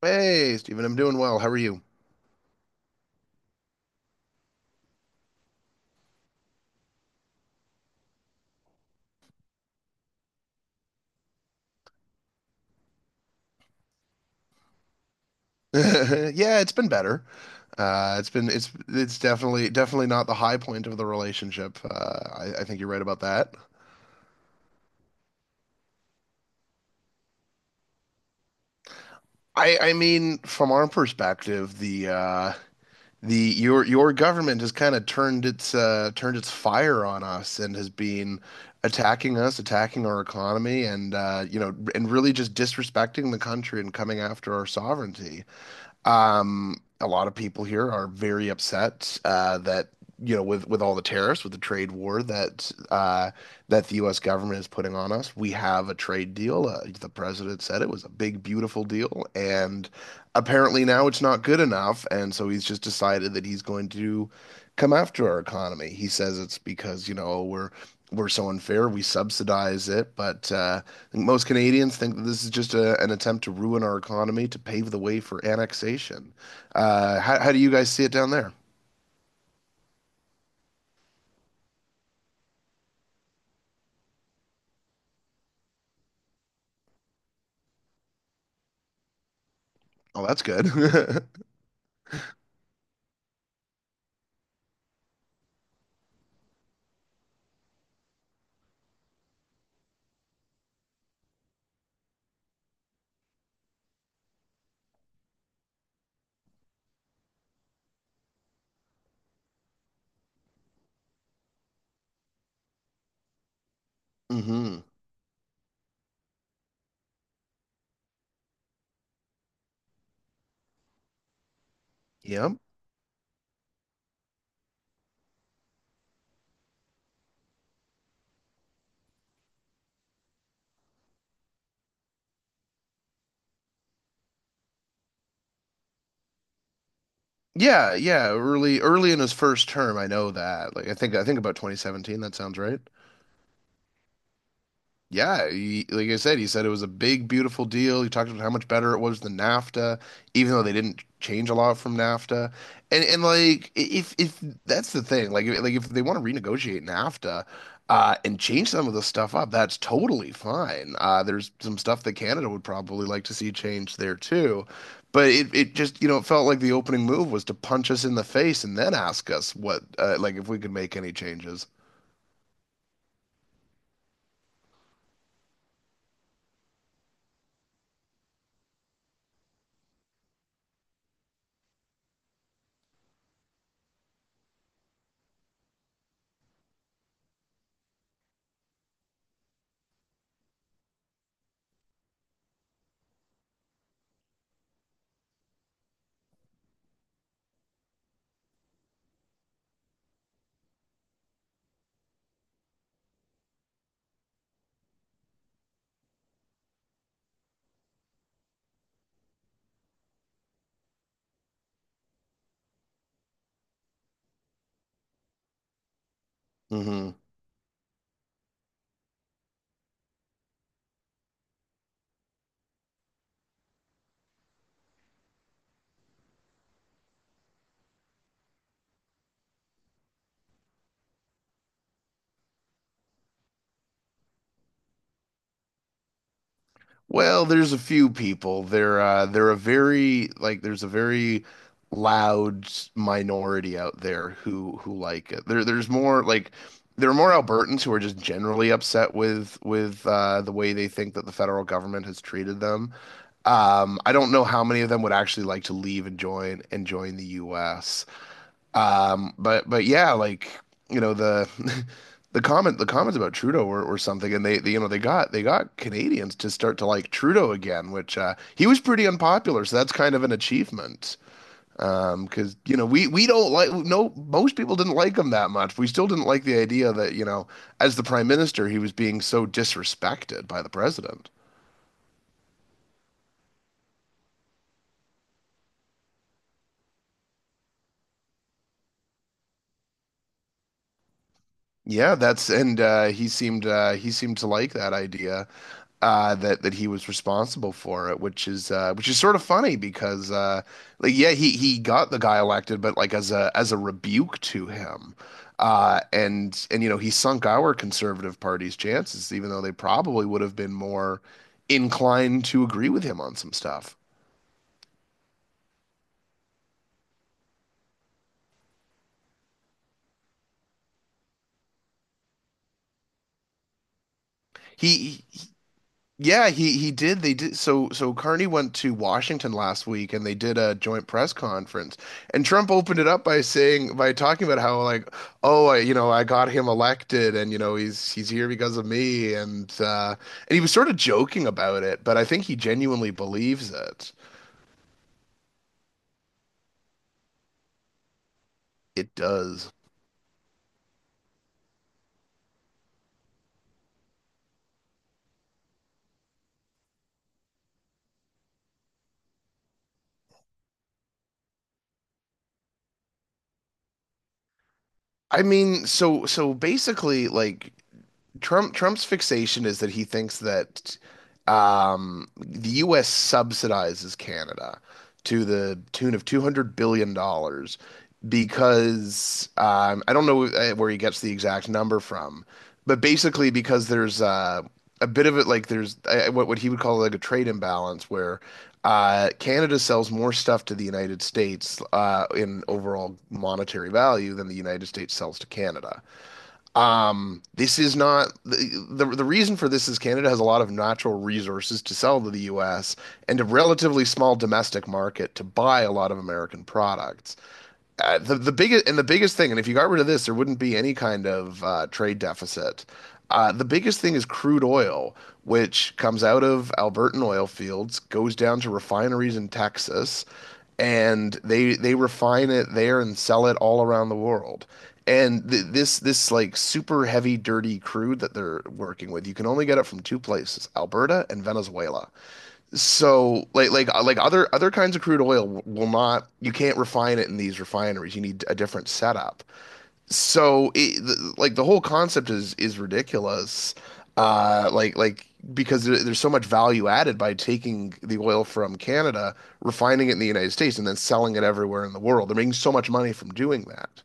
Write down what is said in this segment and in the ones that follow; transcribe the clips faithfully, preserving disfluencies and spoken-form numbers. Hey, Stephen, I'm doing well. How are you? Yeah, it's been better. Uh, it's been it's it's definitely definitely not the high point of the relationship. Uh, I, I think you're right about that. I I mean, from our perspective, the uh, the your your government has kind of turned its uh, turned its fire on us and has been attacking us, attacking our economy, and uh, you know, and really just disrespecting the country and coming after our sovereignty. Um, a lot of people here are very upset uh, that you know with with all the tariffs, with the trade war that uh, that the U S government is putting on us. We have a trade deal. Uh, the president said it was a big, beautiful deal, and apparently now it's not good enough, and so he's just decided that he's going to come after our economy. He says it's because, you know, we're we're so unfair, we subsidize it, but uh, I think most Canadians think that this is just a, an attempt to ruin our economy to pave the way for annexation. Uh, how, how do you guys see it down there? Oh, that's good. hmm Yep. Yeah, yeah. Early, early in his first term, I know that. Like, I think, I think about twenty seventeen. That sounds right. Yeah, he, like I said, he said it was a big, beautiful deal. He talked about how much better it was than NAFTA, even though they didn't change a lot from NAFTA. And and like I- if if that's the thing, like if- like if they want to renegotiate NAFTA uh, and change some of the stuff up, that's totally fine. Uh, there's some stuff that Canada would probably like to see changed there too. But it, it just, you know, it felt like the opening move was to punch us in the face and then ask us what, uh, like if we could make any changes. Well, there's a few people. They're uh, they're a very like there's a very loud minority out there who who like it. There there's more like there are more Albertans who are just generally upset with with uh, the way they think that the federal government has treated them. Um, I don't know how many of them would actually like to leave and join and join the U S. Um, but but yeah, like you know the the comment the comments about Trudeau or, or something, and they, they you know they got they got Canadians to start to like Trudeau again, which uh, he was pretty unpopular, so that's kind of an achievement. Um, because you know we we don't like no most people didn't like him that much. We still didn't like the idea that you know as the prime minister he was being so disrespected by the president. Yeah, that's and uh, he seemed uh, he seemed to like that idea. uh that that he was responsible for it, which is uh which is sort of funny because uh like yeah he he got the guy elected, but like as a as a rebuke to him. Uh and and you know he sunk our conservative party's chances, even though they probably would have been more inclined to agree with him on some stuff. He Yeah, he he did. They did. So so Carney went to Washington last week and they did a joint press conference. And Trump opened it up by saying by talking about how like, oh, I, you know, I got him elected and you know, he's he's here because of me, and uh and he was sort of joking about it, but I think he genuinely believes it. It does. I mean, so so basically like Trump Trump's fixation is that he thinks that um, the U S subsidizes Canada to the tune of two hundred billion dollars because um, I don't know uh, where he gets the exact number from, but basically because there's uh, a bit of it like there's uh, what what he would call like a trade imbalance where uh, Canada sells more stuff to the United States uh, in overall monetary value than the United States sells to Canada. Um, this is not the, the the reason for this is Canada has a lot of natural resources to sell to the U S and a relatively small domestic market to buy a lot of American products. Uh, the the biggest and the biggest thing, and if you got rid of this, there wouldn't be any kind of uh, trade deficit. Uh, the biggest thing is crude oil, which comes out of Albertan oil fields, goes down to refineries in Texas, and they they refine it there and sell it all around the world. And th this this like super heavy, dirty crude that they're working with, you can only get it from two places, Alberta and Venezuela. So like like uh, like other other kinds of crude oil w- will not you can't refine it in these refineries. You need a different setup. So it, th- like the whole concept is is ridiculous. Uh like like because there- there's so much value added by taking the oil from Canada, refining it in the United States, and then selling it everywhere in the world. They're making so much money from doing that.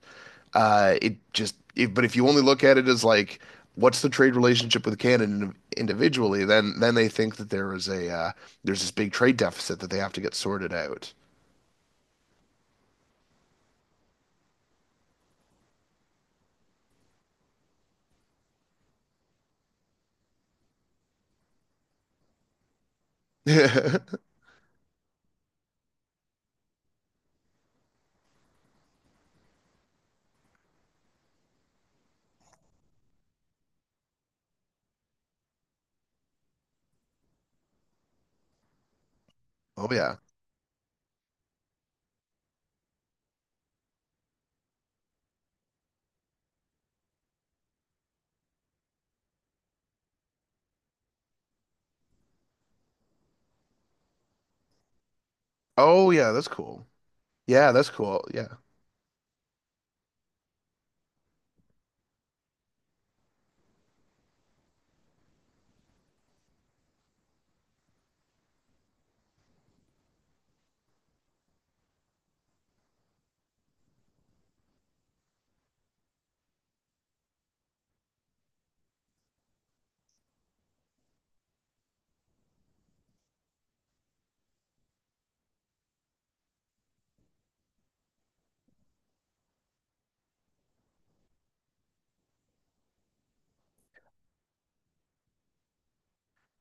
Uh, it just, if but If you only look at it as like, what's the trade relationship with Canada individually, then then they think that there is a uh, there's this big trade deficit that they have to get sorted out. Oh yeah. Oh yeah, that's cool. Yeah, that's cool. Yeah.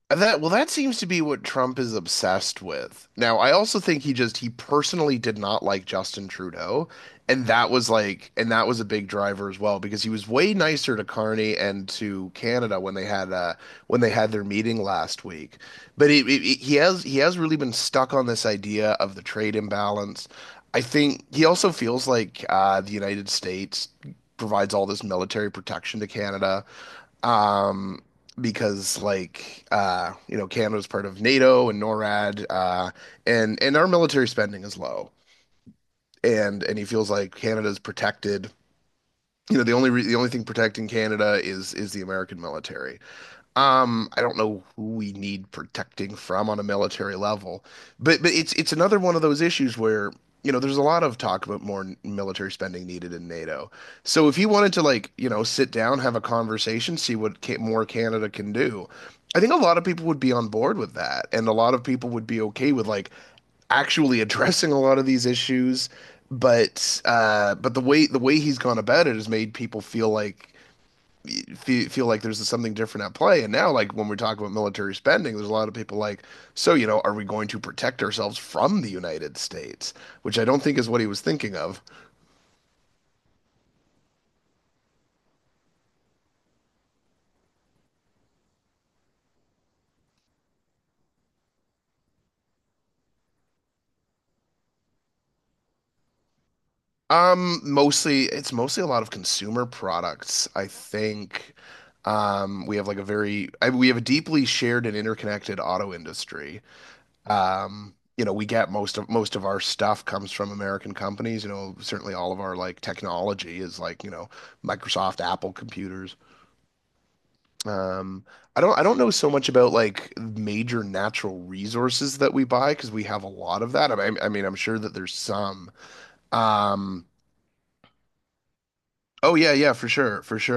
That well, that seems to be what Trump is obsessed with. Now, I also think he just he personally did not like Justin Trudeau, and that was like and that was a big driver as well, because he was way nicer to Carney and to Canada when they had uh when they had their meeting last week. But it, it, it- he has he has really been stuck on this idea of the trade imbalance. I think he also feels like uh the United States provides all this military protection to Canada um because like uh you know Canada's part of NATO and NORAD uh and and our military spending is low, and and he feels like Canada's protected, you know the only re the only thing protecting Canada is is the American military. Um, I don't know who we need protecting from on a military level, but but it's it's another one of those issues where, you know, there's a lot of talk about more n- military spending needed in NATO. So if you wanted to like, you know, sit down, have a conversation, see what ca more Canada can do, I think a lot of people would be on board with that, and a lot of people would be okay with like actually addressing a lot of these issues, but uh, but the way the way he's gone about it has made people feel like feel, feel like there's something different at play. And now, like when we talk about military spending, there's a lot of people like, so, you know, are we going to protect ourselves from the United States? Which I don't think is what he was thinking of. Um, mostly, it's mostly a lot of consumer products, I think. Um, we have like a very, I, we have a deeply shared and interconnected auto industry. Um, you know, we get most of most of our stuff comes from American companies. You know, certainly all of our like technology is like, you know, Microsoft, Apple computers. Um, I don't I don't know so much about like major natural resources that we buy because we have a lot of that. I, I mean, I'm sure that there's some. Um, oh yeah, yeah, for sure, for sure.